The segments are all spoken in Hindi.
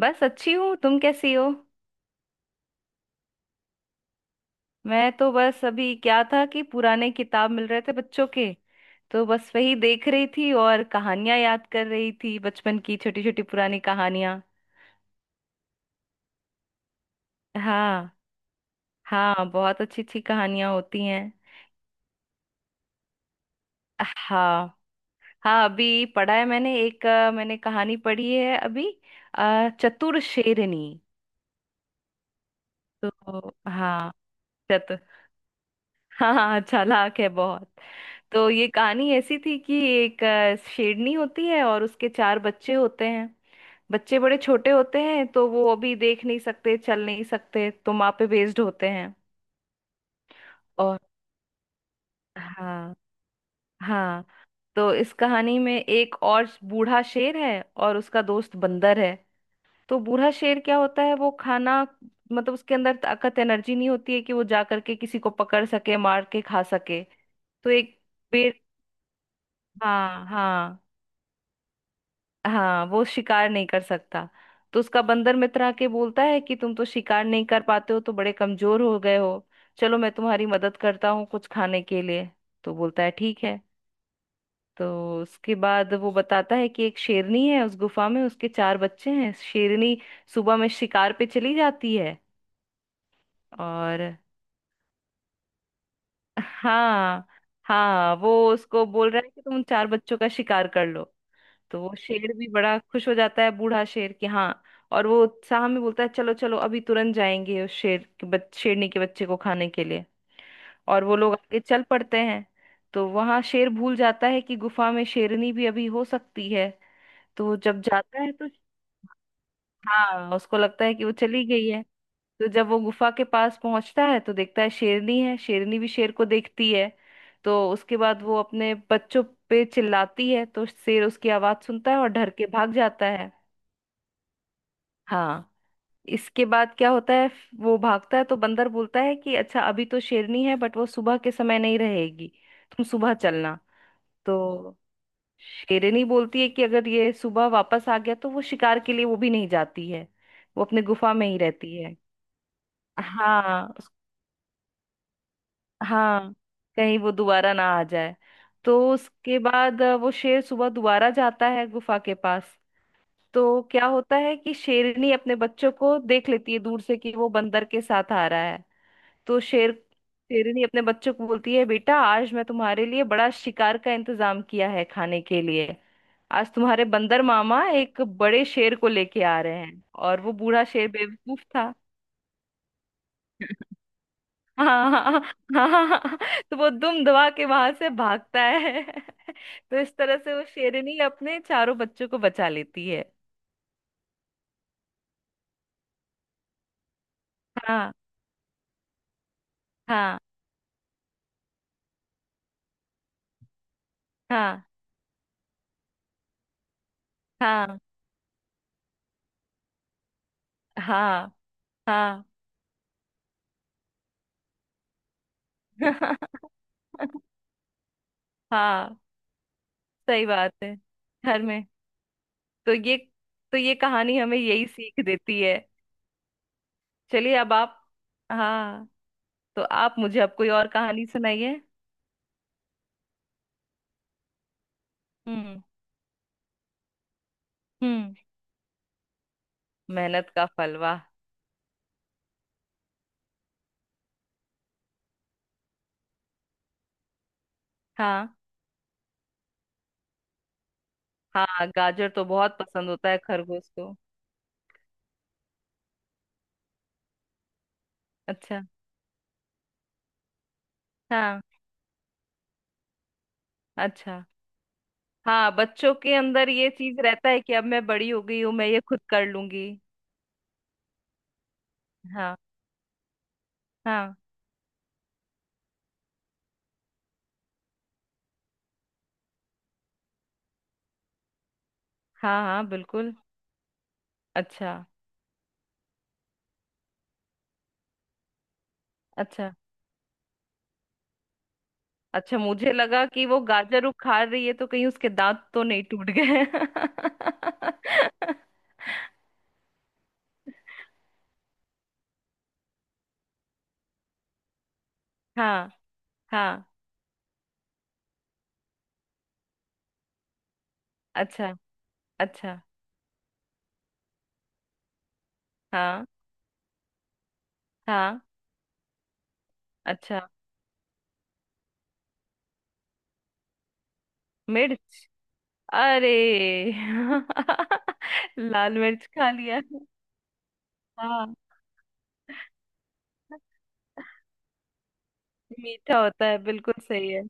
बस अच्छी हूँ। तुम कैसी हो। मैं तो बस अभी क्या था कि पुराने किताब मिल रहे थे बच्चों के। तो बस वही देख रही थी और कहानियां याद कर रही थी बचपन की, छोटी छोटी पुरानी कहानियां। हाँ, हाँ बहुत अच्छी अच्छी कहानियां होती हैं। हाँ, हाँ अभी पढ़ा है मैंने एक मैंने कहानी पढ़ी है अभी। चतुर शेरनी। तो हाँ, हाँ हाँ चालाक है बहुत। तो ये कहानी ऐसी थी कि एक शेरनी होती है और उसके चार बच्चे होते हैं। बच्चे बड़े छोटे होते हैं तो वो अभी देख नहीं सकते, चल नहीं सकते, तो माँ पे बेस्ड होते हैं। और हाँ, हाँ। तो इस कहानी में एक और बूढ़ा शेर है और उसका दोस्त बंदर है। तो बूढ़ा शेर क्या होता है, वो खाना मतलब उसके अंदर ताकत एनर्जी नहीं होती है कि वो जा करके किसी को पकड़ सके, मार के खा सके। तो एक पेड़, हाँ हाँ। हाँ वो शिकार नहीं कर सकता। तो उसका बंदर मित्र आके बोलता है कि तुम तो शिकार नहीं कर पाते हो तो बड़े कमजोर हो गए हो। चलो मैं तुम्हारी मदद करता हूँ कुछ खाने के लिए। तो बोलता है ठीक है। तो उसके बाद वो बताता है कि एक शेरनी है उस गुफा में, उसके चार बच्चे हैं। शेरनी सुबह में शिकार पे चली जाती है। और हाँ, हाँ वो उसको बोल रहा है कि तुम उन चार बच्चों का शिकार कर लो। तो वो शेर भी बड़ा खुश हो जाता है बूढ़ा शेर कि हाँ। और वो उत्साह में बोलता है चलो चलो अभी तुरंत जाएंगे उस शेरनी के बच्चे को खाने के लिए। और वो लोग आगे चल पड़ते हैं। तो वहां शेर भूल जाता है कि गुफा में शेरनी भी अभी हो सकती है। तो वो जब जाता है तो, हाँ उसको लगता है कि वो चली गई है। तो जब वो गुफा के पास पहुंचता है तो देखता है शेरनी है। शेरनी भी शेर को देखती है। तो उसके बाद वो अपने बच्चों पे चिल्लाती है, तो शेर उसकी आवाज सुनता है और डर के भाग जाता है। हाँ। इसके बाद क्या होता है, वो भागता है तो बंदर बोलता है कि अच्छा अभी तो शेरनी है बट वो सुबह के समय नहीं रहेगी, तुम सुबह चलना। तो शेरनी बोलती है कि अगर ये सुबह वापस आ गया तो वो शिकार के लिए वो भी नहीं जाती है, वो अपने गुफा में ही रहती है। हाँ उस- हाँ, कहीं वो दोबारा ना आ जाए। तो उसके बाद वो शेर सुबह दोबारा जाता है गुफा के पास। तो क्या होता है कि शेरनी अपने बच्चों को देख लेती है दूर से कि वो बंदर के साथ आ रहा है। तो शेरनी अपने बच्चों को बोलती है बेटा आज मैं तुम्हारे लिए बड़ा शिकार का इंतजाम किया है खाने के लिए। आज तुम्हारे बंदर मामा एक बड़े शेर को लेके आ रहे हैं, और वो बूढ़ा शेर बेवकूफ था। हाँ, हाँ हाँ हाँ। तो वो दुम दबा के वहां से भागता है। तो इस तरह से वो शेरनी अपने चारों बच्चों को बचा लेती है। हाँ, हाँ हाँ, हाँ हाँ हाँ, हाँ सही बात है, घर में। तो ये, तो ये कहानी हमें यही सीख देती है। चलिए अब आप, हाँ तो आप मुझे अब कोई और कहानी सुनाइए। हम्म। हम्म। मेहनत का फल, वाह। हाँ, हाँ गाजर तो बहुत पसंद होता है खरगोश को। अच्छा, हाँ। अच्छा, हाँ बच्चों के अंदर ये चीज रहता है कि अब मैं बड़ी हो गई हूँ मैं ये खुद कर लूंगी। हाँ, हाँ, हाँ, हाँ बिल्कुल। अच्छा, अच्छा। अच्छा मुझे लगा कि वो गाजर उखाड़ रही है तो कहीं उसके दांत तो नहीं टूट गए। हाँ, हाँ। अच्छा, अच्छा। हाँ, हाँ। अच्छा मिर्च, अरे, लाल मिर्च खा लिया। हाँ मीठा होता है, बिल्कुल सही है।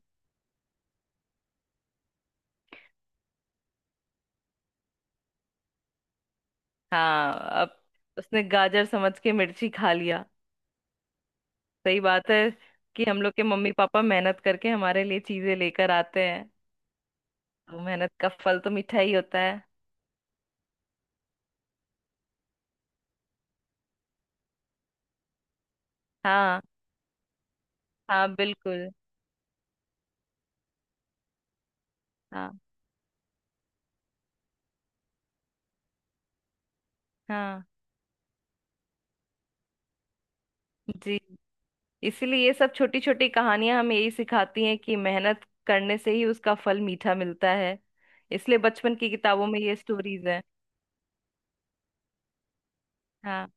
हाँ, अब उसने गाजर समझ के मिर्ची खा लिया। सही बात है कि हम लोग के मम्मी पापा मेहनत करके हमारे लिए चीजें लेकर आते हैं। तो मेहनत का फल तो मीठा ही होता है। हाँ, हाँ बिल्कुल। हाँ, हाँ जी। इसीलिए ये सब छोटी छोटी कहानियां हमें यही सिखाती हैं कि मेहनत करने से ही उसका फल मीठा मिलता है। इसलिए बचपन की किताबों में ये स्टोरीज हैं। हाँ,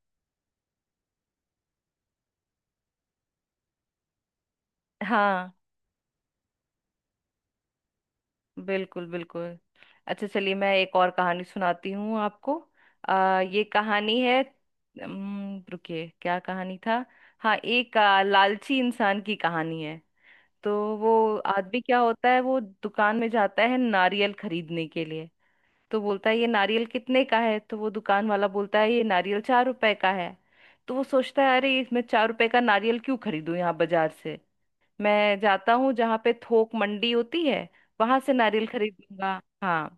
हाँ बिल्कुल बिल्कुल। अच्छा चलिए मैं एक और कहानी सुनाती हूँ आपको। ये कहानी है, रुकिए क्या कहानी था। हाँ एक लालची इंसान की कहानी है। तो वो आदमी क्या होता है, वो दुकान में जाता है नारियल खरीदने के लिए। तो बोलता है ये नारियल कितने का है, तो वो दुकान वाला बोलता है ये नारियल चार रुपए का है। तो वो सोचता है अरे इसमें चार रुपए का नारियल क्यों खरीदूं यहाँ बाजार से, मैं जाता हूँ जहाँ पे थोक मंडी होती है। वहां से नारियल खरीदूंगा। हाँ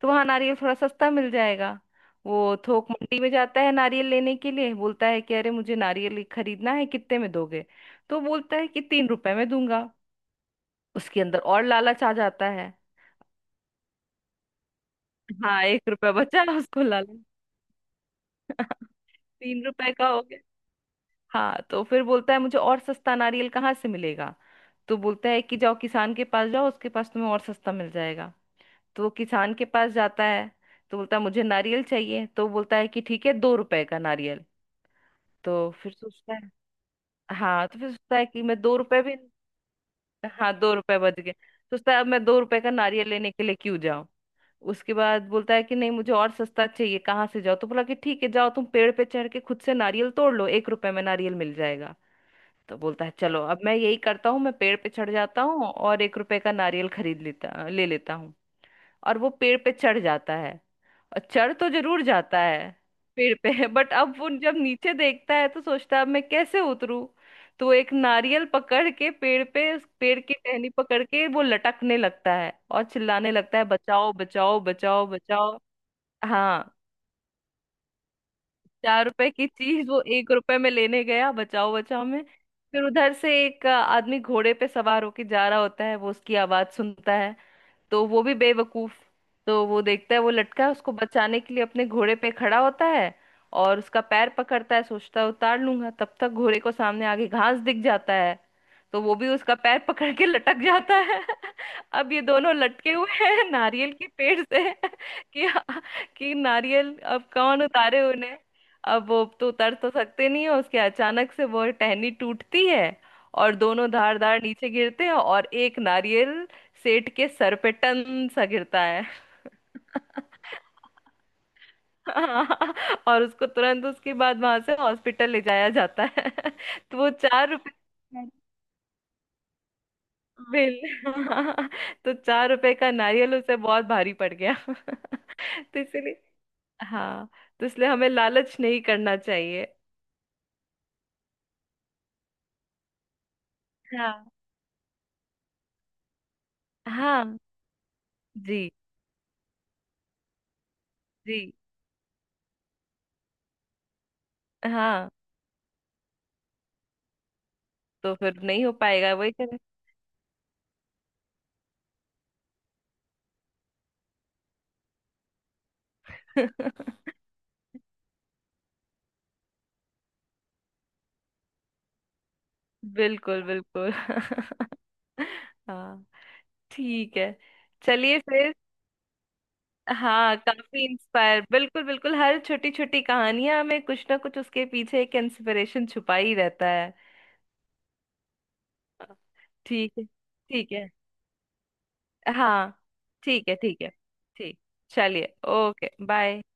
तो वहां नारियल थोड़ा सस्ता मिल जाएगा। वो थोक मंडी में जाता है नारियल लेने के लिए, बोलता है कि अरे मुझे नारियल खरीदना है कितने में दोगे। तो बोलता है कि तीन रुपए में दूंगा। उसके अंदर और लालच आ जाता है। हाँ एक रुपया बचा, उसको लालच, तीन रुपए का हो गया। हाँ तो फिर बोलता है मुझे और सस्ता नारियल कहाँ से मिलेगा। तो बोलता है कि जाओ किसान के पास जाओ, उसके पास तुम्हें और सस्ता मिल जाएगा। तो वो किसान के पास जाता है। तो बोलता है मुझे नारियल चाहिए, तो बोलता है कि ठीक है दो रुपए का नारियल। तो फिर सोचता है, हाँ तो फिर सोचता है कि मैं दो रुपए भी, हाँ दो रुपए बच गए। सोचता है अब मैं दो रुपए का नारियल लेने के लिए क्यों जाऊं। उसके बाद बोलता है कि नहीं मुझे और सस्ता चाहिए कहाँ से जाओ, तो बोला कि ठीक है जाओ तुम पेड़ पे चढ़ के खुद से नारियल तोड़ लो, एक रुपए में नारियल मिल जाएगा। तो बोलता है चलो अब मैं यही करता हूँ, मैं पेड़ पे चढ़ जाता हूँ और एक रुपए का नारियल खरीद लेता ले लेता हूँ। और वो पेड़ पे चढ़ जाता है। और चढ़ तो जरूर जाता है पेड़ पे, बट अब वो जब नीचे देखता है तो सोचता है अब मैं कैसे उतरूं। तो वो एक नारियल पकड़ के पेड़ पे, उस पेड़ की टहनी पकड़ के वो लटकने लगता है और चिल्लाने लगता है बचाओ बचाओ बचाओ बचाओ। हाँ, चार रुपए की चीज वो एक रुपए में लेने गया बचाओ बचाओ में। फिर उधर से एक आदमी घोड़े पे सवार होके जा रहा होता है, वो उसकी आवाज सुनता है। तो वो भी बेवकूफ, तो वो देखता है वो लटका है, उसको बचाने के लिए अपने घोड़े पे खड़ा होता है और उसका पैर पकड़ता है, सोचता है उतार लूंगा, तब तक घोड़े को सामने आगे घास दिख जाता है। तो वो भी उसका पैर पकड़ के लटक जाता है। अब ये दोनों लटके हुए हैं नारियल के पेड़ से, कि हाँ, कि नारियल अब कौन उतारे उन्हें। अब वो तो उतर तो सकते नहीं है, उसके अचानक से वो टहनी टूटती है और दोनों धार धार नीचे गिरते हैं और एक नारियल सेठ के सर पे टन सा गिरता है। और उसको तुरंत उसके बाद वहां से हॉस्पिटल ले जाया जाता है। तो वो चार रुपए बिल, तो चार रुपए का नारियल उसे बहुत भारी पड़ गया। तो इसलिए, हाँ तो इसलिए हमें लालच नहीं करना चाहिए। हाँ, हाँ जी, जी, हाँ तो फिर नहीं हो पाएगा वही करें। बिल्कुल बिल्कुल। हाँ ठीक है। चलिए फिर, हाँ काफी इंस्पायर बिल्कुल बिल्कुल, हर छोटी छोटी कहानियां में कुछ ना कुछ उसके पीछे एक इंस्पिरेशन छुपा ही रहता है। ठीक है, ठीक है, हाँ, ठीक है, ठीक है, ठीक। चलिए ओके बाय।